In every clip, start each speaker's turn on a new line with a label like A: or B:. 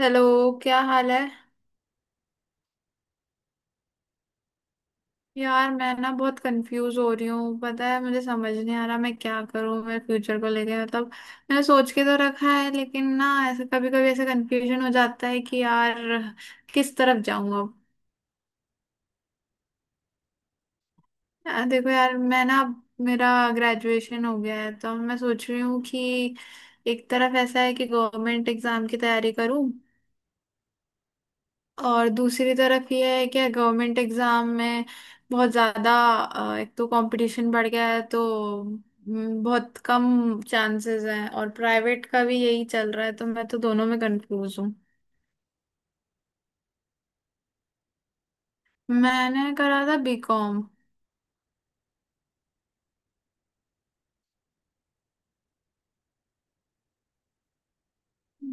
A: Hello. क्या हाल है? यार मैं ना बहुत कंफ्यूज हो रही हूँ। पता है मुझे समझ नहीं आ रहा मैं क्या करूँ मेरे फ्यूचर को लेके मतलब। मैंने सोच के तो रखा है लेकिन ना, ऐसे कभी कभी ऐसे कंफ्यूजन हो जाता है कि यार किस तरफ जाऊँ अब। यार देखो यार मैं ना अब मेरा ग्रेजुएशन हो गया है तो अब मैं सोच रही हूँ कि एक तरफ ऐसा है कि गवर्नमेंट एग्जाम की तैयारी करूँ, और दूसरी तरफ ये है कि गवर्नमेंट एग्जाम में बहुत ज़्यादा एक तो कंपटीशन बढ़ गया है, तो बहुत कम चांसेस हैं, और प्राइवेट का भी यही चल रहा है, तो मैं तो दोनों में कंफ्यूज हूँ। मैंने करा था बीकॉम।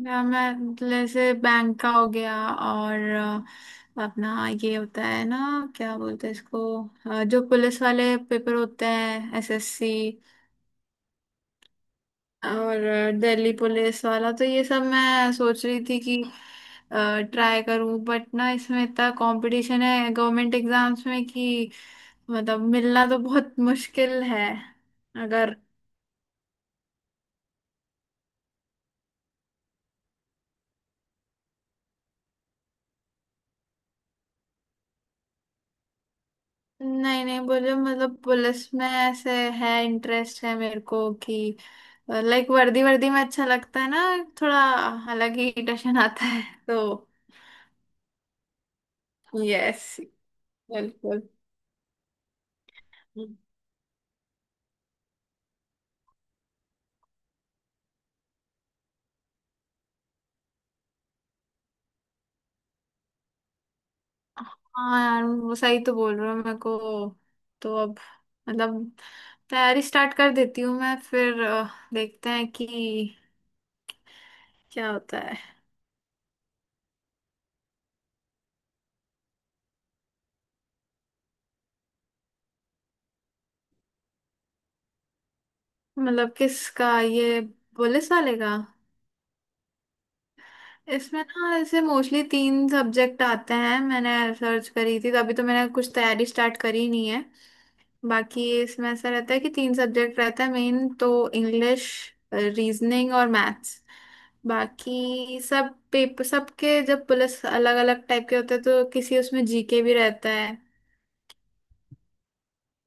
A: मैं जैसे बैंक का हो गया, और अपना ये होता है ना, क्या बोलते हैं इसको, जो पुलिस वाले पेपर होते हैं, एसएससी और दिल्ली पुलिस वाला, तो ये सब मैं सोच रही थी कि ट्राई करूं, बट ना इसमें इतना कंपटीशन है गवर्नमेंट एग्जाम्स में कि मतलब मिलना तो बहुत मुश्किल है। अगर नहीं नहीं, बोले मतलब पुलिस में ऐसे है, इंटरेस्ट है मेरे को कि लाइक वर्दी वर्दी में अच्छा लगता है ना, थोड़ा अलग ही टशन आता है तो। यस। बिल्कुल। हाँ यार वो सही तो बोल रहे हो मेरे को, तो अब मतलब तैयारी स्टार्ट कर देती हूँ मैं फिर, देखते हैं कि क्या होता है। मतलब किसका? ये पुलिस वाले का? इसमें ना ऐसे मोस्टली तीन सब्जेक्ट आते हैं। मैंने सर्च करी थी तभी, तो मैंने कुछ तैयारी स्टार्ट करी नहीं है। बाकी इसमें ऐसा रहता है कि तीन सब्जेक्ट रहता है मेन, तो इंग्लिश, रीजनिंग और मैथ्स। बाकी सब पेपर सबके जब पुलिस अलग अलग टाइप के होते हैं, तो किसी उसमें जीके भी रहता है।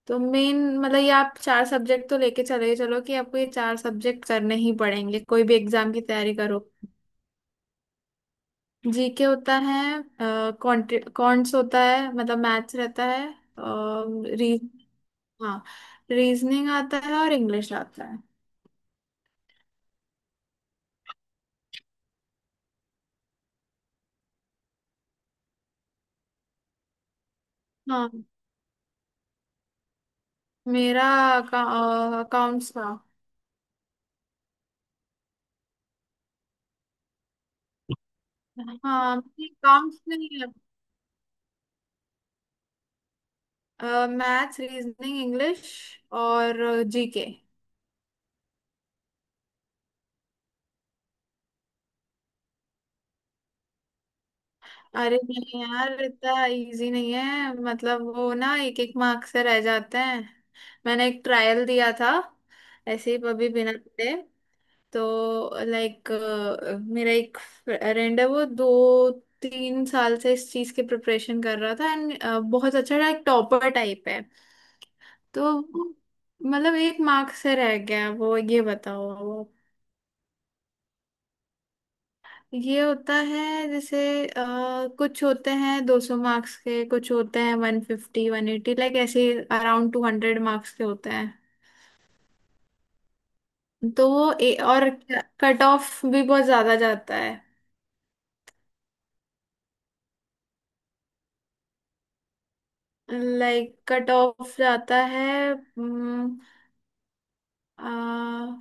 A: तो मेन मतलब ये, आप चार सब्जेक्ट तो लेके चले चलो कि आपको ये चार सब्जेक्ट करने ही पड़ेंगे कोई भी एग्जाम की तैयारी करो। जीके होता है, कॉन्ट्स होता है मतलब मैथ्स रहता है, और रीज हाँ, रीजनिंग आता है और इंग्लिश आता है। हाँ, मेरा अकाउंट्स का। हाँ, अकाउंट्स नहीं है, मैथ्स, रीजनिंग, इंग्लिश और जीके। अरे नहीं यार इतना इजी नहीं है, मतलब वो ना एक एक मार्क से रह जाते हैं। मैंने एक ट्रायल दिया था ऐसे ही अभी बिना पढ़े, तो लाइक मेरा एक फ्रेंड है, वो दो तीन साल से इस चीज की प्रिपरेशन कर रहा था, एंड बहुत अच्छा एक टॉपर टाइप है, तो मतलब एक मार्क्स से रह गया वो। ये बताओ आप। ये होता है जैसे कुछ होते हैं 200 मार्क्स के, कुछ होते हैं 150 180 लाइक ऐसे, अराउंड 200 मार्क्स के होते हैं, तो वो और कट ऑफ भी बहुत ज्यादा जाता है। लाइक कट ऑफ जाता है हम्म, अ,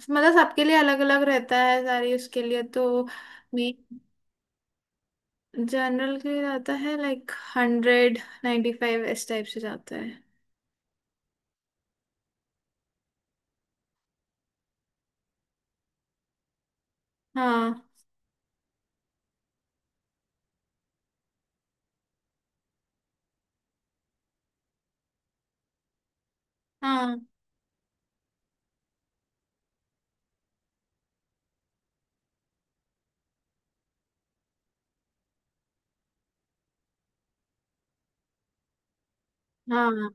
A: मतलब सबके लिए अलग अलग रहता है सारी उसके लिए, तो जनरल के लिए जाता है लाइक 100 95 इस टाइप से जाता है। हाँ, हाँ, हाँ,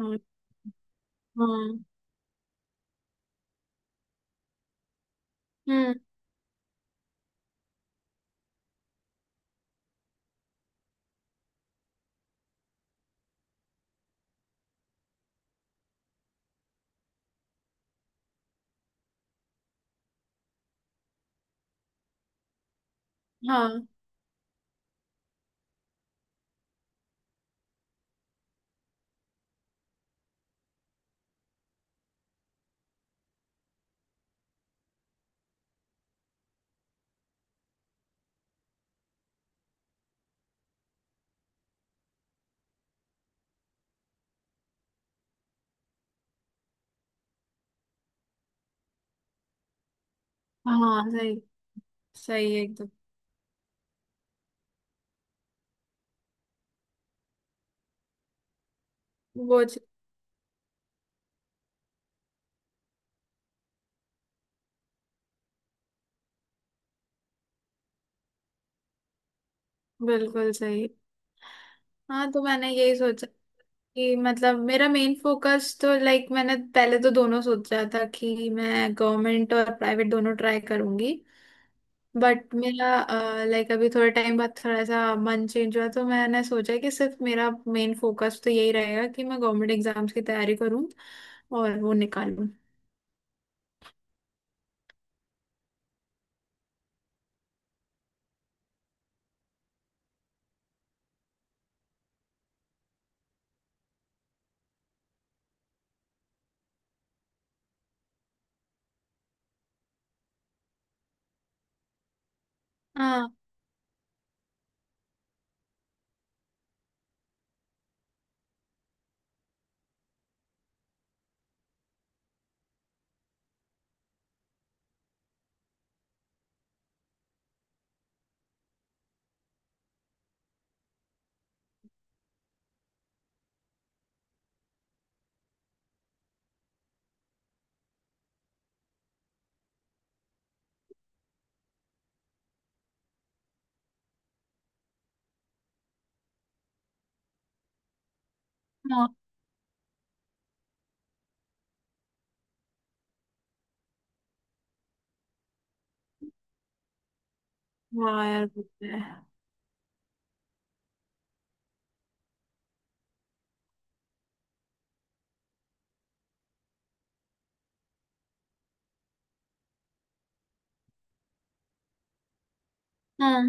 A: हाँ, हाँ। हम्म, हाँ, हाँ, सही। सही है एकदम। वो च- बिल्कुल सही। हाँ तो मैंने यही सोचा कि मतलब मेरा मेन फोकस तो, लाइक मैंने पहले तो दोनों सोचा था कि मैं गवर्नमेंट और प्राइवेट दोनों ट्राई करूंगी, बट मेरा लाइक अभी थोड़े टाइम बाद थोड़ा सा मन चेंज हुआ, तो मैंने सोचा कि सिर्फ मेरा मेन फोकस तो यही रहेगा कि मैं गवर्नमेंट एग्जाम्स की तैयारी करूं और वो निकालूं। हाँ, हाँ, वाह यार वो तो है। हाँ,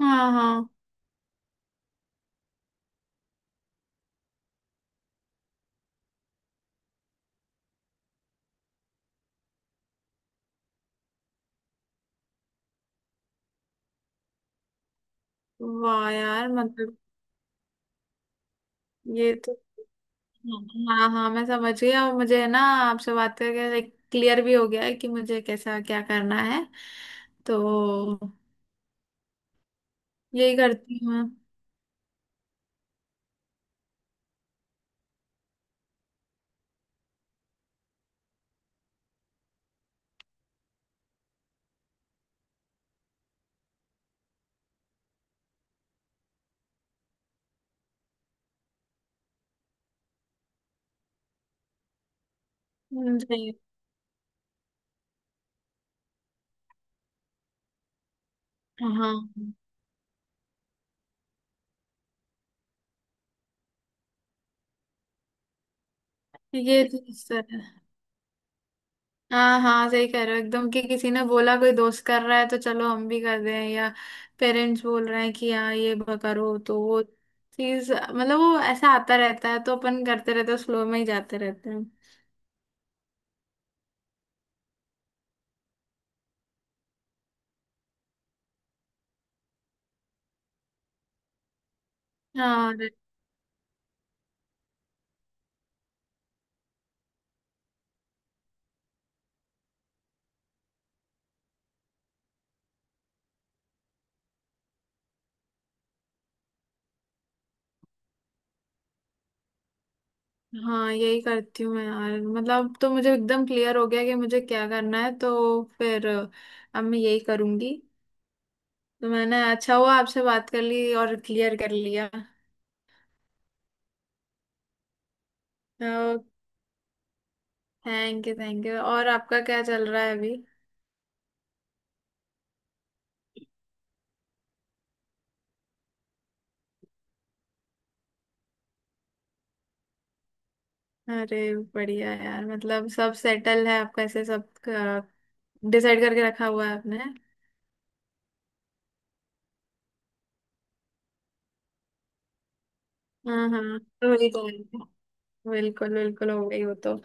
A: हाँ, हाँ, वाह यार मतलब ये तो। हाँ, हाँ, मैं समझ गई, और मुझे है ना आपसे बात करके लाइक क्लियर भी हो गया है कि मुझे कैसा क्या करना है, तो यही करती हूँ मैं। मुझे- हाँ, ये चीज। हाँ, हाँ, सही कह रहे हो एकदम, कि किसी ने बोला कोई दोस्त कर रहा है तो चलो हम भी कर दें, या पेरेंट्स बोल रहे हैं कि हाँ ये करो, तो वो चीज मतलब वो ऐसा आता रहता है तो अपन करते रहते हैं, स्लो में ही जाते रहते हैं। हाँ, अरे, हाँ यही करती हूँ मैं यार, मतलब तो मुझे एकदम क्लियर हो गया कि मुझे क्या करना है, तो फिर अब मैं यही करूंगी। तो मैंने, अच्छा हुआ आपसे बात कर ली और क्लियर कर लिया। Thank you, thank you. और आपका क्या चल रहा है अभी? अरे बढ़िया यार, मतलब सब सेटल है आपका ऐसे, सब डिसाइड करके रखा हुआ है आपने। हाँ, हाँ, तो वही तो है। बिल्कुल, बिल्कुल हो गई वो तो।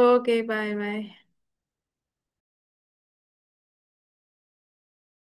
A: Okay, bye bye.